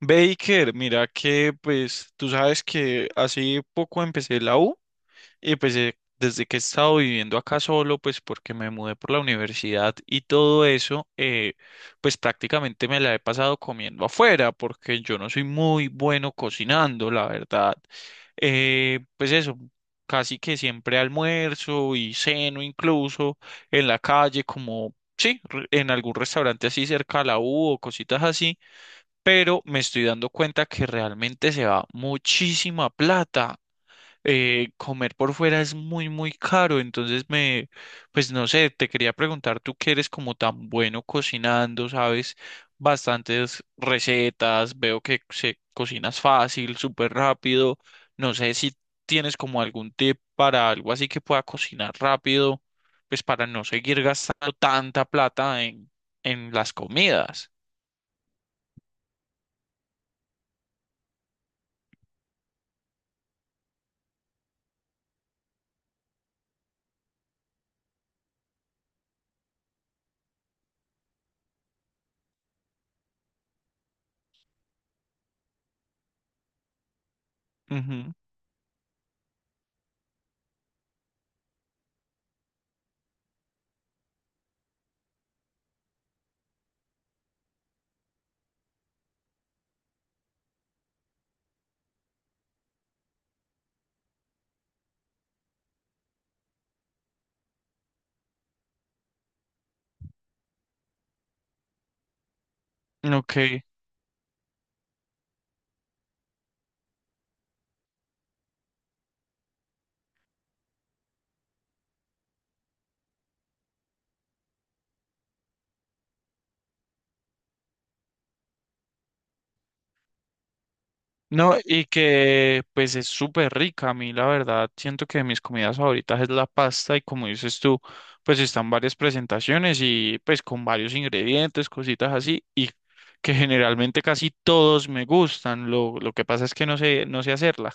Baker, mira que pues tú sabes que hace poco empecé la U y pues desde que he estado viviendo acá solo, pues porque me mudé por la universidad y todo eso, pues prácticamente me la he pasado comiendo afuera porque yo no soy muy bueno cocinando, la verdad. Pues eso, casi que siempre almuerzo y ceno incluso en la calle como... Sí, en algún restaurante así cerca a la U o cositas así, pero me estoy dando cuenta que realmente se va muchísima plata. Comer por fuera es muy, muy caro, pues no sé, te quería preguntar, tú que eres como tan bueno cocinando, sabes bastantes recetas, veo que se cocinas fácil, súper rápido, no sé si tienes como algún tip para algo así que pueda cocinar rápido, pues para no seguir gastando tanta plata en las comidas. Ujú. Ok. No, y que pues es súper rica. A mí, la verdad, siento que de mis comidas favoritas es la pasta y como dices tú, pues están varias presentaciones y pues con varios ingredientes, cositas así, y que generalmente casi todos me gustan. Lo que pasa es que no sé, no sé hacerla.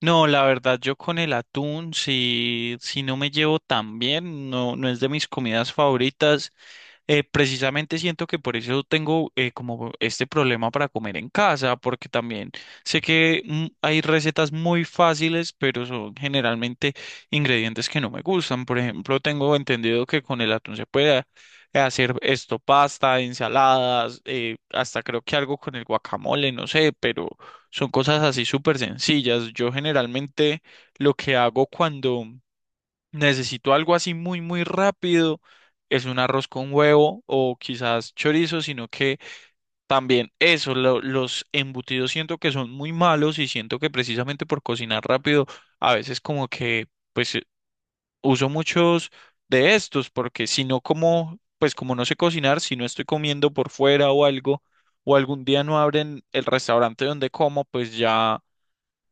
No, la verdad, yo con el atún, si no me llevo tan bien, no, no es de mis comidas favoritas. Precisamente siento que por eso tengo como este problema para comer en casa, porque también sé que hay recetas muy fáciles, pero son generalmente ingredientes que no me gustan. Por ejemplo, tengo entendido que con el atún se puede hacer esto, pasta, ensaladas, hasta creo que algo con el guacamole, no sé, pero son cosas así súper sencillas. Yo generalmente lo que hago cuando necesito algo así muy, muy rápido, es un arroz con huevo o quizás chorizo, sino que también eso, los embutidos siento que son muy malos y siento que precisamente por cocinar rápido, a veces como que pues uso muchos de estos, porque si no como, pues como no sé cocinar, si no estoy comiendo por fuera o algo, o algún día no abren el restaurante donde como, pues ya.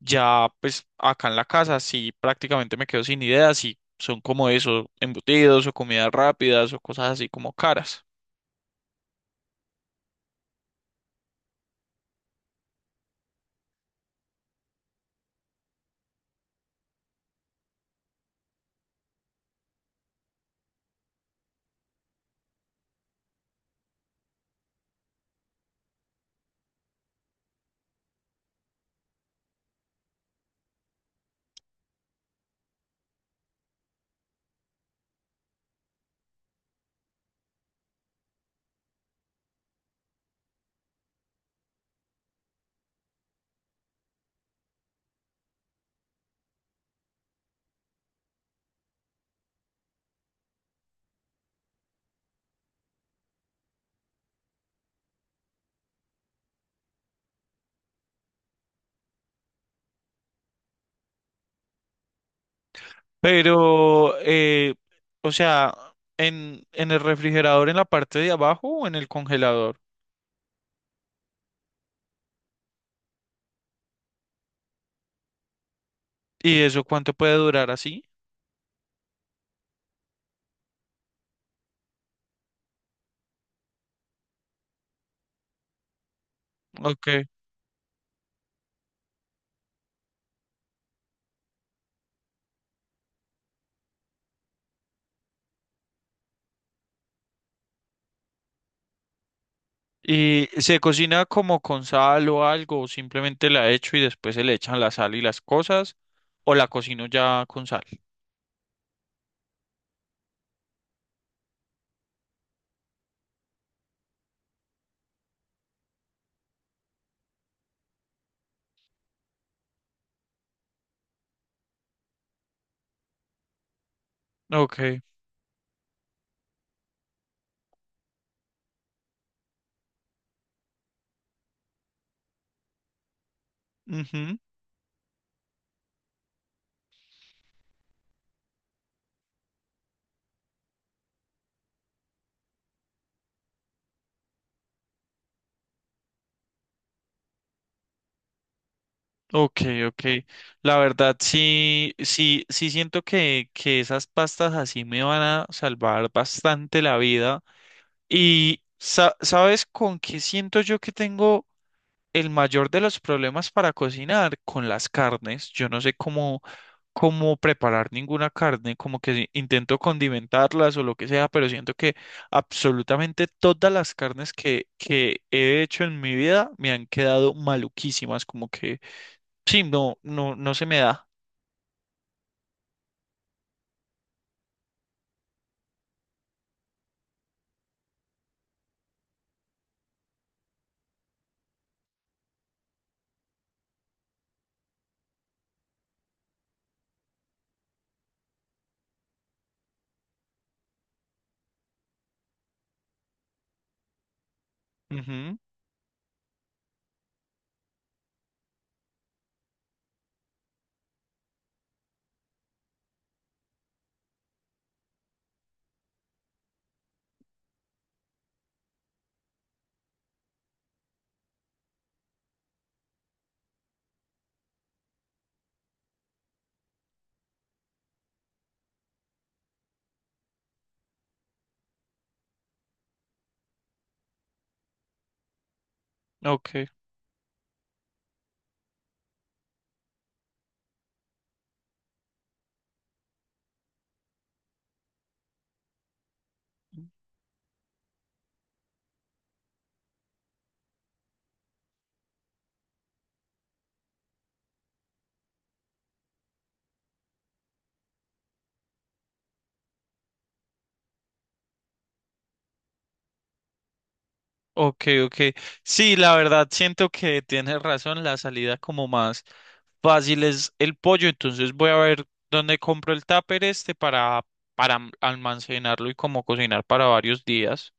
Ya, pues acá en la casa sí prácticamente me quedo sin ideas y son como eso, embutidos o comidas rápidas o cosas así como caras. Pero, o sea, en el refrigerador en la parte de abajo o en el congelador. ¿Y eso cuánto puede durar así? Ok. ¿Y se cocina como con sal o algo? ¿O simplemente la echo y después se le echan la sal y las cosas? ¿O la cocino ya con sal? Ok. Ujú. Ok, ok. La verdad, sí, sí, sí siento que esas pastas así me van a salvar bastante la vida. Y ¿sabes con qué siento yo que tengo el mayor de los problemas para cocinar? Con las carnes. Yo no sé cómo, cómo preparar ninguna carne, como que intento condimentarlas o lo que sea, pero siento que absolutamente todas las carnes que he hecho en mi vida me han quedado maluquísimas, como que sí, no, no, no se me da. Ujú. Ok, ok, ok. Sí, la verdad, siento que tienes razón, la salida como más fácil es el pollo, entonces voy a ver dónde compro el tupper este para almacenarlo y como cocinar para varios días.